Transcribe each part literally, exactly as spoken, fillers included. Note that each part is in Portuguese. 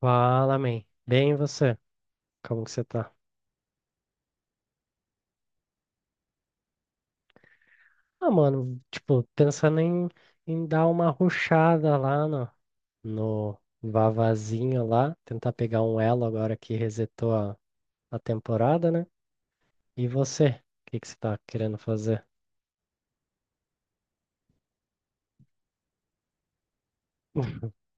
Fala, man. Bem, e você? Como que você tá? Ah, mano, tipo, pensando em, em dar uma rushada lá no, no Vavazinho lá, tentar pegar um elo agora que resetou a, a temporada, né? E você? O que que você tá querendo fazer?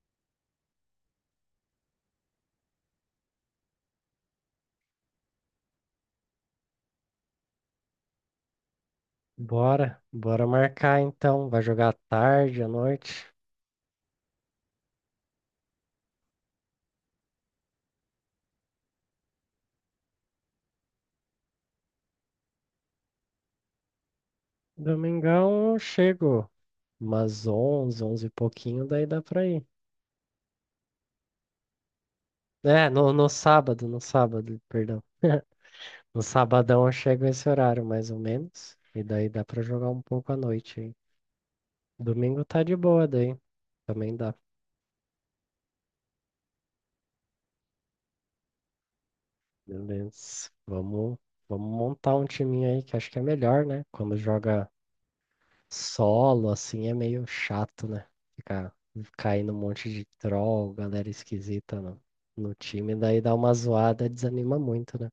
Bora, bora marcar então. Vai jogar à tarde, à noite? Domingão eu chego umas onze, onze e pouquinho, daí dá pra ir. É, no, no sábado, no sábado, perdão. No sabadão eu chego esse horário, mais ou menos. E daí dá pra jogar um pouco à noite, hein? Domingo tá de boa, daí. Também dá. Beleza. Vamos, vamos montar um timinho aí que acho que é melhor, né? Quando joga solo, assim, é meio chato, né? Ficar caindo um monte de troll, galera esquisita no, no time. Daí dá uma zoada, desanima muito, né?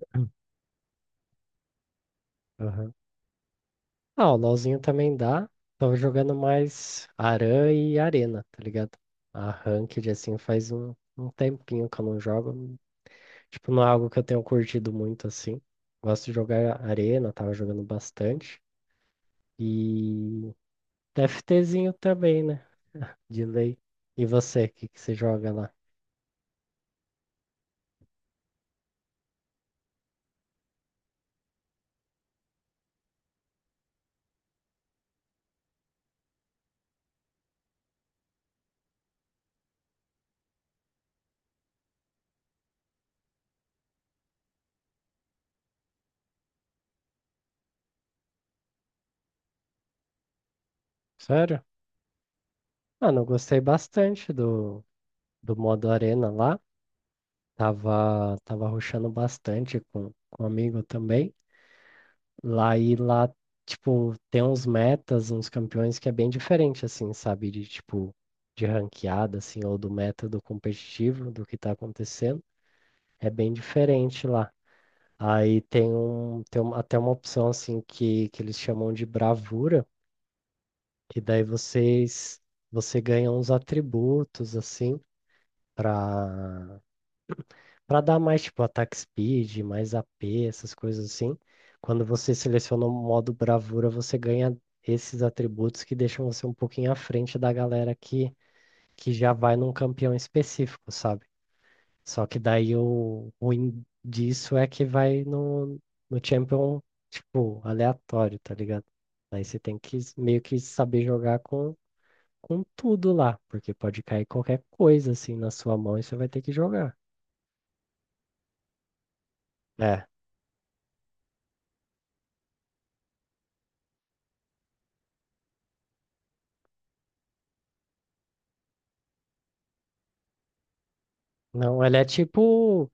Aham. Ah, o LoLzinho também dá. Tô jogando mais Aran e Arena, tá ligado? A Ranked, assim, faz um, um tempinho que eu não jogo. Tipo, não é algo que eu tenho curtido muito, assim. Gosto de jogar Arena, tava jogando bastante. E TFTzinho também, né? De lei. E você, o que que você joga lá? Sério? Mano, eu gostei bastante do, do modo Arena lá. Tava, tava rushando bastante com, com um amigo também. Lá e lá, tipo, tem uns metas, uns campeões que é bem diferente, assim, sabe? De tipo, de ranqueada, assim, ou do método competitivo do que tá acontecendo. É bem diferente lá. Aí tem um, tem um- até uma opção, assim, que, que eles chamam de bravura, que daí vocês, você ganha uns atributos, assim, para para dar mais tipo attack speed, mais A P, essas coisas assim. Quando você seleciona o modo bravura, você ganha esses atributos que deixam você um pouquinho à frente da galera que, que já vai num campeão específico, sabe? Só que daí o ruim disso é que vai no, no champion, tipo, aleatório, tá ligado? Daí você tem que s- meio que saber jogar com, com tudo lá, porque pode cair qualquer coisa assim na sua mão e você vai ter que jogar. É, não, ele é tipo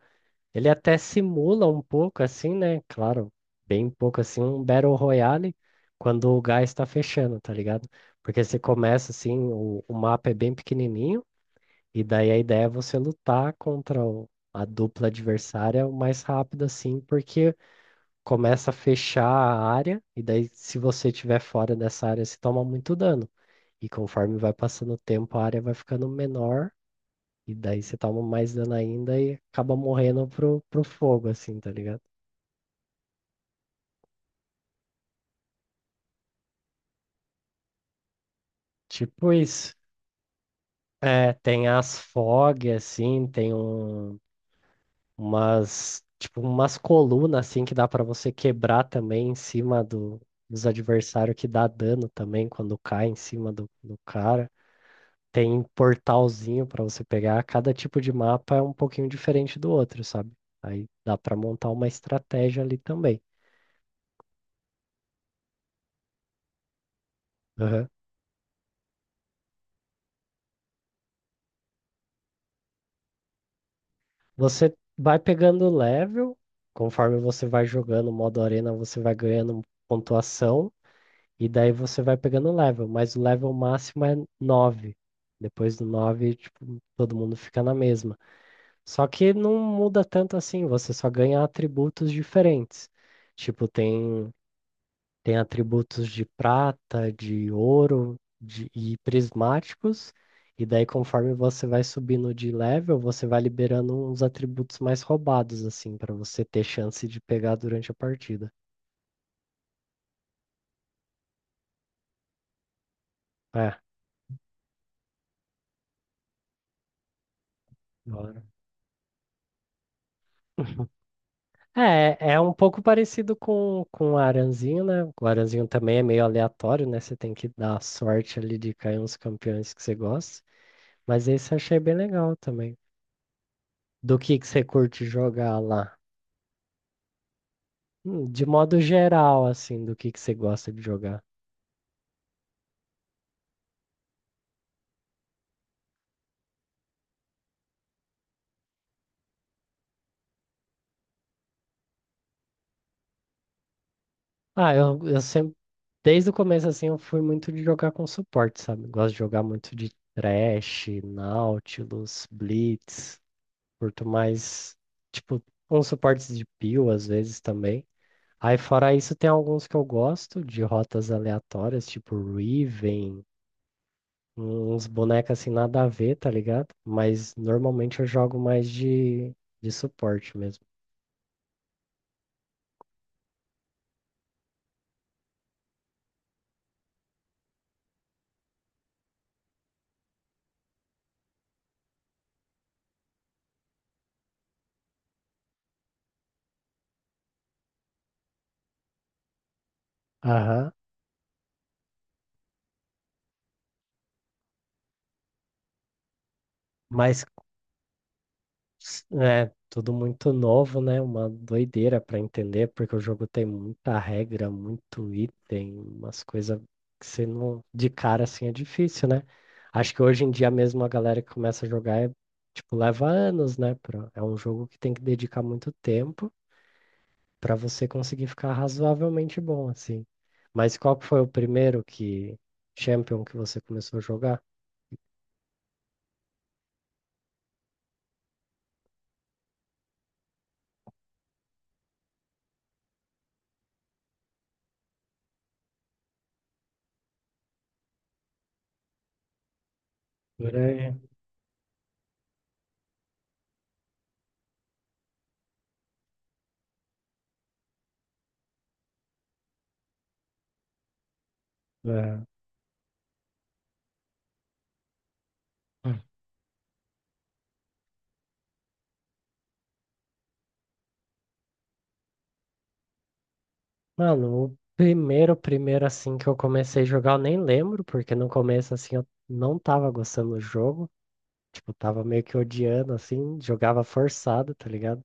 Ele até simula um pouco assim, né? Claro, bem pouco assim, um Battle Royale quando o gás está fechando, tá ligado? Porque você começa assim, o, o mapa é bem pequenininho, e daí a ideia é você lutar contra o- a dupla adversária o mais rápido assim, porque começa a fechar a área, e daí se você estiver fora dessa área, você toma muito dano. E conforme vai passando o tempo, a área vai ficando menor, e daí você toma mais dano ainda e acaba morrendo pro, pro fogo, assim, tá ligado? Tipo isso. É, tem as fog, assim, tem um, umas, tipo, umas colunas, assim, que dá pra você quebrar também em cima do, dos adversários que dá dano também quando cai em cima do, do cara. Tem um portalzinho pra você pegar. Cada tipo de mapa é um pouquinho diferente do outro, sabe? Aí dá pra montar uma estratégia ali também. Aham. Você vai pegando level, conforme você vai jogando modo arena, você vai ganhando pontuação. E daí você vai pegando level, mas o level máximo é nove. Depois do nove tipo, todo mundo fica na mesma. Só que não muda tanto assim, você só ganha atributos diferentes. Tipo, tem, tem atributos de prata, de ouro de, e prismáticos. E daí, conforme você vai subindo de level, você vai liberando uns atributos mais roubados, assim, para você ter chance de pegar durante a partida. É, da hora. É, é um pouco parecido com, com o Aranzinho, né? O Aranzinho também é meio aleatório, né? Você tem que dar sorte ali de cair uns campeões que você gosta. Mas esse eu achei bem legal também. Do que que você curte jogar lá? Hum, De modo geral, assim, do que que você gosta de jogar? Ah, eu, eu sempre, desde o começo, assim, eu fui muito de jogar com suporte, sabe? Gosto de jogar muito de Thresh, Nautilus, Blitz. Curto mais, tipo, uns suportes de peel às vezes também. Aí, fora isso, tem alguns que eu gosto de rotas aleatórias, tipo Riven, uns bonecos assim nada a ver, tá ligado? Mas normalmente eu jogo mais de, de suporte mesmo. Aham. Mas é, tudo muito novo, né? Uma doideira para entender, porque o jogo tem muita regra, muito item, umas coisas que você não. De cara assim é difícil, né? Acho que hoje em dia mesmo a galera que começa a jogar é, tipo, leva anos, né? pra- É um jogo que tem que dedicar muito tempo para você conseguir ficar razoavelmente bom, assim. Mas qual que foi o primeiro que Champion que você começou a jogar? Por aí. É. Mano, o primeiro, primeiro assim que eu comecei a jogar, eu nem lembro, porque no começo assim eu não tava gostando do jogo. Tipo, tava meio que odiando, assim, jogava forçado, tá ligado?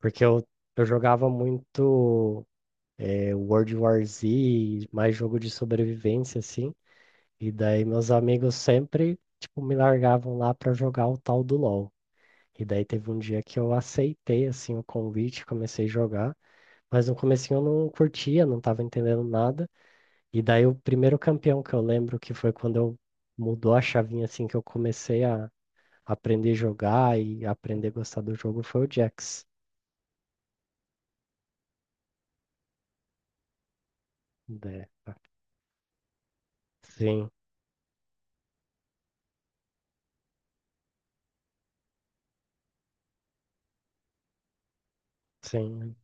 Porque eu, eu jogava muito eh, World War Z, mais jogo de sobrevivência, assim. E daí meus amigos sempre, tipo, me largavam lá pra jogar o tal do LoL. E daí teve um dia que eu aceitei, assim, o convite, comecei a jogar. Mas no comecinho eu não curtia, não tava entendendo nada. E daí o primeiro campeão que eu lembro que foi quando eu mudou a chavinha assim que eu comecei a aprender a jogar e aprender a gostar do jogo foi o Jax. Né? Sim, sim,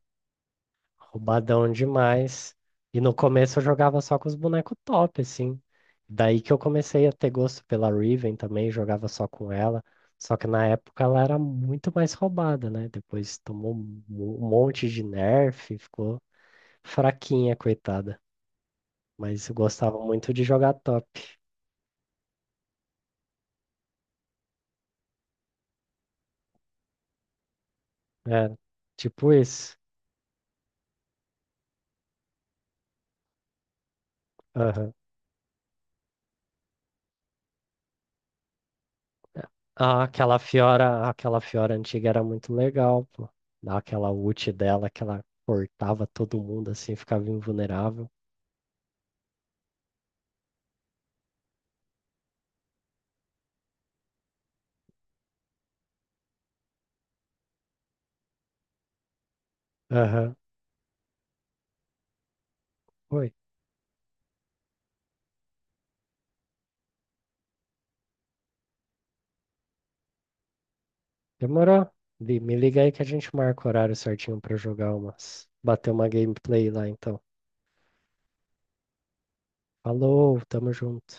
roubadão demais. E no começo eu jogava só com os bonecos top, assim. Daí que eu comecei a ter gosto pela Riven também, jogava só com ela. Só que na época ela era muito mais roubada, né? Depois tomou um mo- um monte de nerf, ficou fraquinha, coitada. Mas eu gostava muito de jogar top. É, tipo isso. Aham. Ah, aquela Fiora, aquela Fiora antiga era muito legal, pô. Dá aquela ult dela que ela cortava todo mundo assim, ficava invulnerável. Aham. Oi. Demorou? Vi, me liga aí que a gente marca o horário certinho pra jogar umas. Bater uma gameplay lá então. Falou, tamo junto.